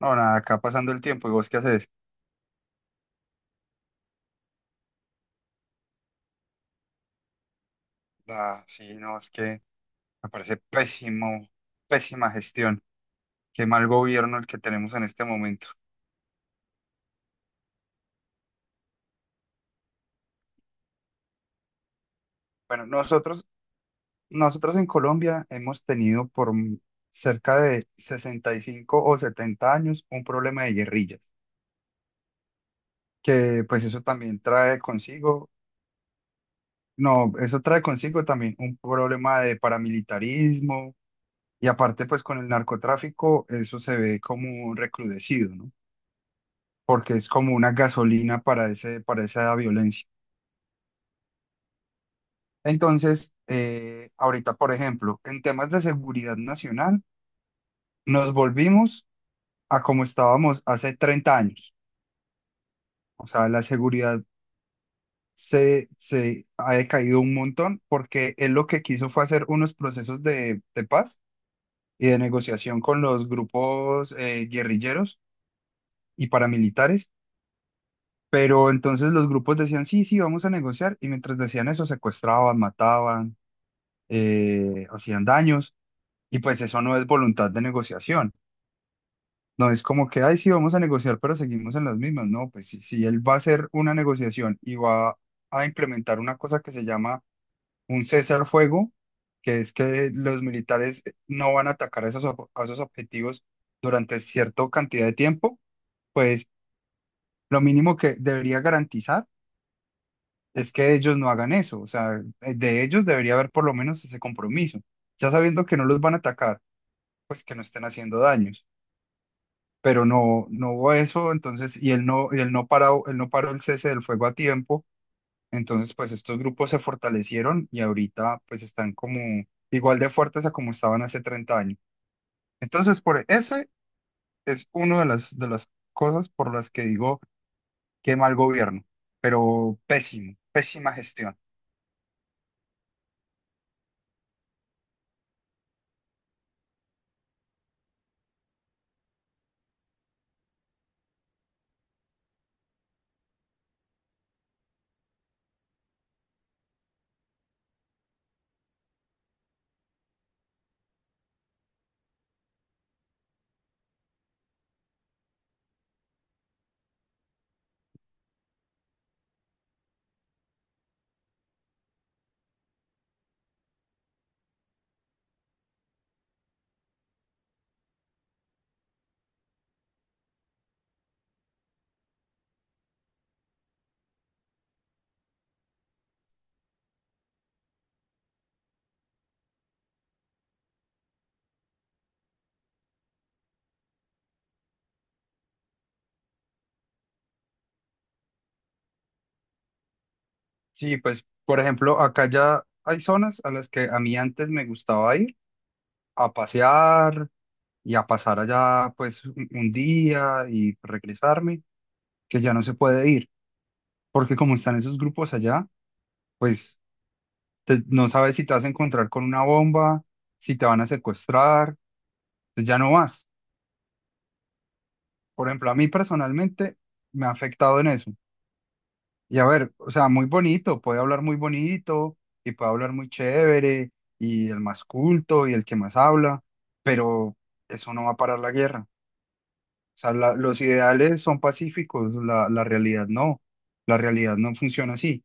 No, nada, acá pasando el tiempo, ¿y vos qué haces? Ah, sí, no, es que me parece pésimo, pésima gestión, qué mal gobierno el que tenemos en este momento. Bueno, nosotros en Colombia hemos tenido cerca de 65 o 70 años un problema de guerrillas, que pues eso también trae consigo, no, eso trae consigo también un problema de paramilitarismo y aparte pues con el narcotráfico eso se ve como recrudecido, ¿no? Porque es como una gasolina para para esa violencia. Entonces, ahorita, por ejemplo, en temas de seguridad nacional, nos volvimos a como estábamos hace 30 años. O sea, la seguridad se ha decaído un montón porque él lo que quiso fue hacer unos procesos de paz y de negociación con los grupos guerrilleros y paramilitares. Pero entonces los grupos decían, sí, sí, vamos a negociar. Y mientras decían eso, secuestraban, mataban, hacían daños, y pues eso no es voluntad de negociación. No es como que, ay, sí, vamos a negociar, pero seguimos en las mismas. No, pues si él va a hacer una negociación y va a implementar una cosa que se llama un cese al fuego, que es que los militares no van a atacar a a esos objetivos durante cierta cantidad de tiempo, pues lo mínimo que debería garantizar es que ellos no hagan eso. O sea, de ellos debería haber por lo menos ese compromiso, ya sabiendo que no los van a atacar pues que no estén haciendo daños. Pero no, no hubo eso, entonces, y él no paró el cese del fuego a tiempo. Entonces, pues estos grupos se fortalecieron y ahorita pues están como igual de fuertes a como estaban hace 30 años. Entonces, por ese es uno de de las cosas por las que digo que mal gobierno, pero pésimo, pésima gestión. Sí, pues, por ejemplo, acá ya hay zonas a las que a mí antes me gustaba ir a pasear, y a pasar allá pues un día y regresarme, que ya no se puede ir, porque como están esos grupos allá, pues no sabes si te vas a encontrar con una bomba, si te van a secuestrar, pues ya no vas. Por ejemplo, a mí personalmente me ha afectado en eso. Y a ver, o sea, muy bonito, puede hablar muy bonito y puede hablar muy chévere y el más culto y el que más habla, pero eso no va a parar la guerra. O sea, los ideales son pacíficos, la realidad no. La realidad no funciona así.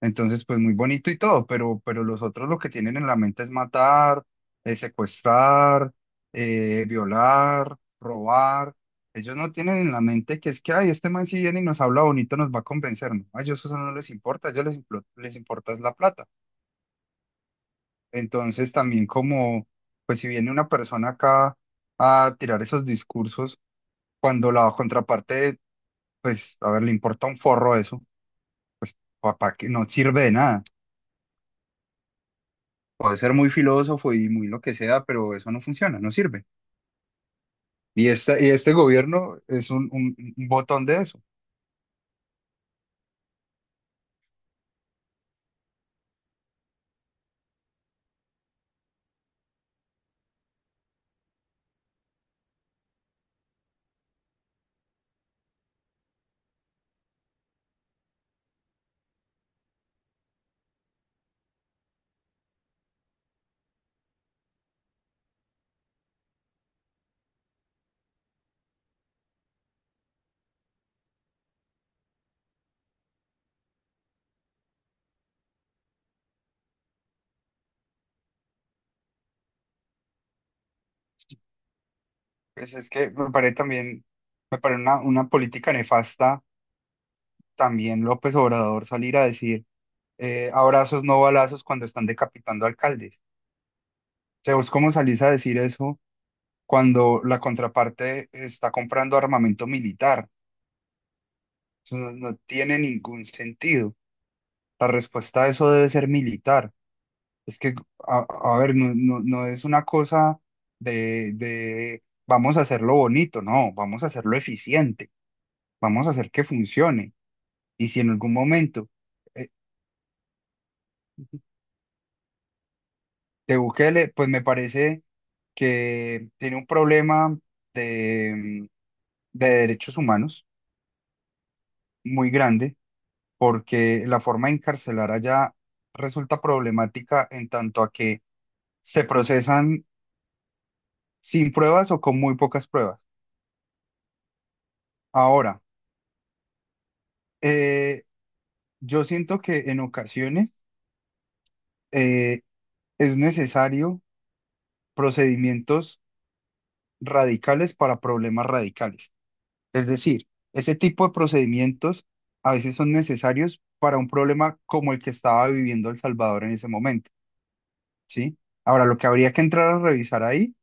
Entonces, pues muy bonito y todo, pero los otros lo que tienen en la mente es matar, secuestrar, violar, robar. Ellos no tienen en la mente que es que, ay, este man si viene y nos habla bonito nos va a convencer. No, a ellos eso no les importa, a ellos les importa es la plata. Entonces, también como, pues si viene una persona acá a tirar esos discursos, cuando la contraparte pues, a ver, le importa un forro eso, papá, que no sirve de nada. Puede ser muy filósofo y muy lo que sea, pero eso no funciona, no sirve. Y y este gobierno es un botón de eso. Pues es que me parece también, me parece una política nefasta también López Obrador salir a decir abrazos, no balazos cuando están decapitando alcaldes. O sea, ¿vos cómo salís a decir eso cuando la contraparte está comprando armamento militar? Eso no no tiene ningún sentido. La respuesta a eso debe ser militar. Es que, a, a ver, no, no es una cosa de vamos a hacerlo bonito, no, vamos a hacerlo eficiente, vamos a hacer que funcione. Y si en algún momento eh, de Bukele, pues me parece que tiene un problema de, de derechos humanos muy grande, porque la forma de encarcelar allá resulta problemática en tanto a que se procesan sin pruebas o con muy pocas pruebas. Ahora, eh, yo siento que en ocasiones eh, es necesario procedimientos radicales para problemas radicales. Es decir, ese tipo de procedimientos a veces son necesarios para un problema como el que estaba viviendo El Salvador en ese momento, ¿sí? Ahora, lo que habría que entrar a revisar ahí,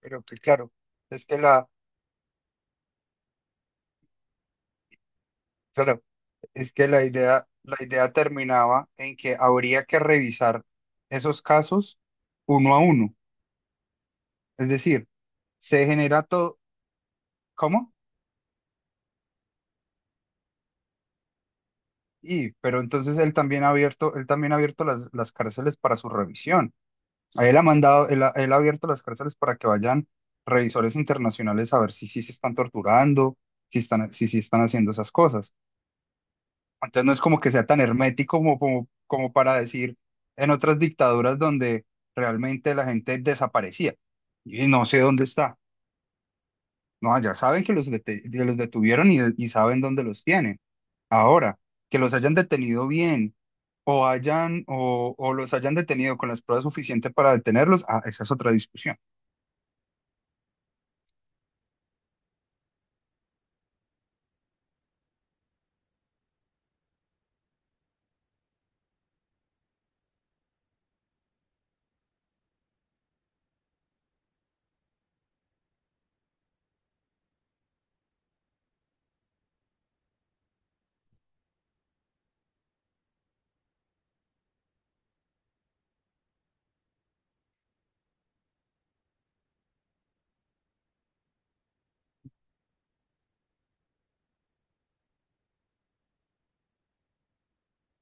pero que claro, es que la, claro, es que la idea terminaba en que habría que revisar esos casos uno a uno. Es decir, se genera todo, ¿cómo? Y, pero entonces él también ha abierto las cárceles para su revisión. A Él ha mandado, él ha abierto las cárceles para que vayan revisores internacionales a ver si sí se están torturando, si sí están haciendo esas cosas. Entonces no es como que sea tan hermético como, como para decir en otras dictaduras donde realmente la gente desaparecía y no sé dónde está. No, ya saben que que los detuvieron y saben dónde los tienen. Ahora, que los hayan detenido bien o hayan o los hayan detenido con las pruebas suficientes para detenerlos, ah, esa es otra discusión.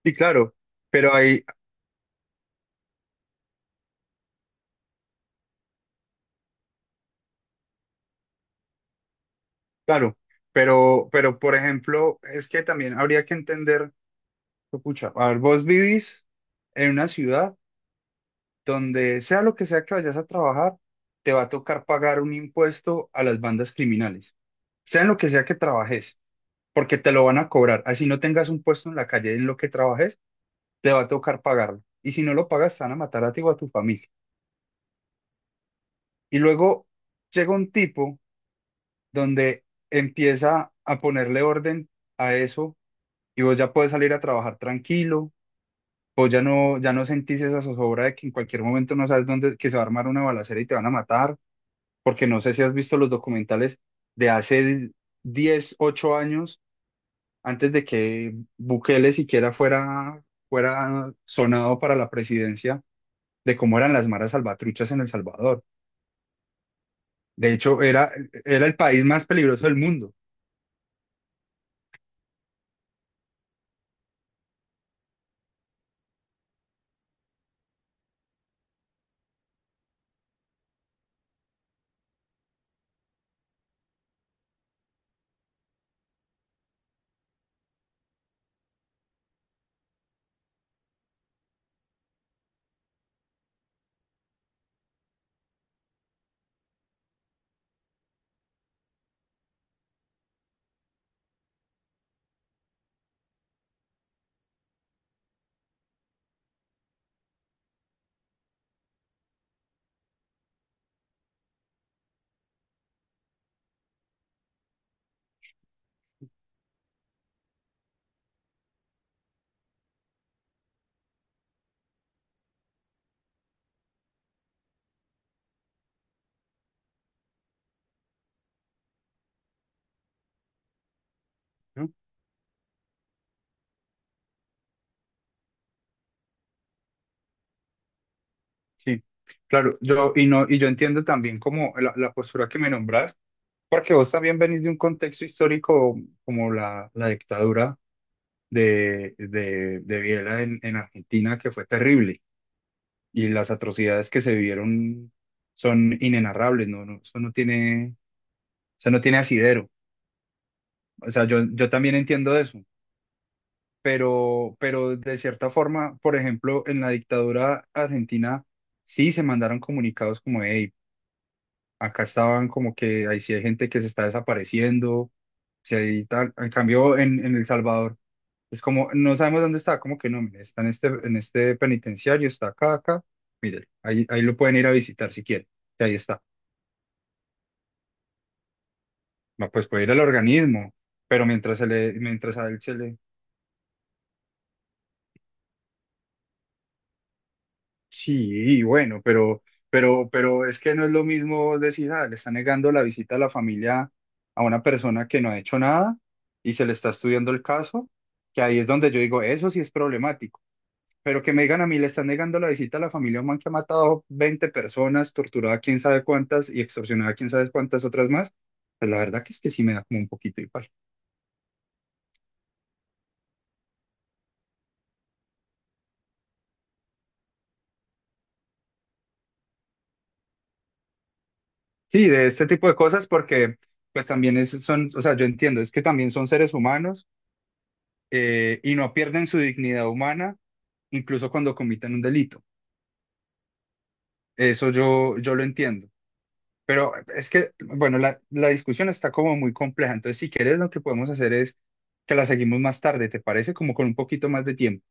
Sí, claro, pero ahí, claro, pero por ejemplo, es que también habría que entender, pucha, a ver, vos vivís en una ciudad donde sea lo que sea que vayas a trabajar, te va a tocar pagar un impuesto a las bandas criminales, sea en lo que sea que trabajes, porque te lo van a cobrar, así no tengas un puesto en la calle en lo que trabajes te va a tocar pagarlo. Y si no lo pagas, te van a matar a ti o a tu familia. Y luego llega un tipo donde empieza a ponerle orden a eso y vos ya puedes salir a trabajar tranquilo, vos ya no, ya no sentís esa zozobra de que en cualquier momento no sabes dónde, que se va a armar una balacera y te van a matar, porque no sé si has visto los documentales de hace 10 u 8 años, antes de que Bukele siquiera fuera, fuera sonado para la presidencia, de cómo eran las maras salvatruchas en El Salvador. De hecho, era, era el país más peligroso del mundo, ¿no? Sí, claro, yo, y no, y yo entiendo también como la postura que me nombras, porque vos también venís de un contexto histórico como la dictadura de Videla en Argentina, que fue terrible, y las atrocidades que se vivieron son inenarrables, no, no, eso no tiene asidero. O sea, yo también entiendo eso. Pero de cierta forma, por ejemplo, en la dictadura argentina sí se mandaron comunicados como, hey, acá estaban como que ahí sí hay gente que se está desapareciendo, si hay tal, en cambio en El Salvador es como, no sabemos dónde está, como que no, mire, está en este penitenciario, está acá, acá, mire, ahí, ahí lo pueden ir a visitar si quieren, que ahí está. Va, pues puede ir al organismo, pero mientras se le, mientras a él se le. Sí, bueno, pero es que no es lo mismo vos decís, ah, le está negando la visita a la familia a una persona que no ha hecho nada y se le está estudiando el caso, que ahí es donde yo digo, eso sí es problemático. Pero que me digan a mí, le están negando la visita a la familia a un man que ha matado 20 personas, torturado a quién sabe cuántas y extorsionado a quién sabe cuántas otras más, pues la verdad que es que sí me da como un poquito igual. Sí, de este tipo de cosas porque pues también es, son, o sea, yo entiendo, es que también son seres humanos y no pierden su dignidad humana incluso cuando comitan un delito. Eso yo, yo lo entiendo. Pero es que, bueno, la discusión está como muy compleja. Entonces, si quieres, lo que podemos hacer es que la seguimos más tarde, ¿te parece? Como con un poquito más de tiempo.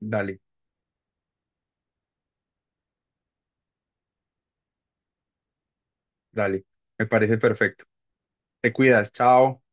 Dale, dale. Me parece perfecto. Te cuidas. Chao.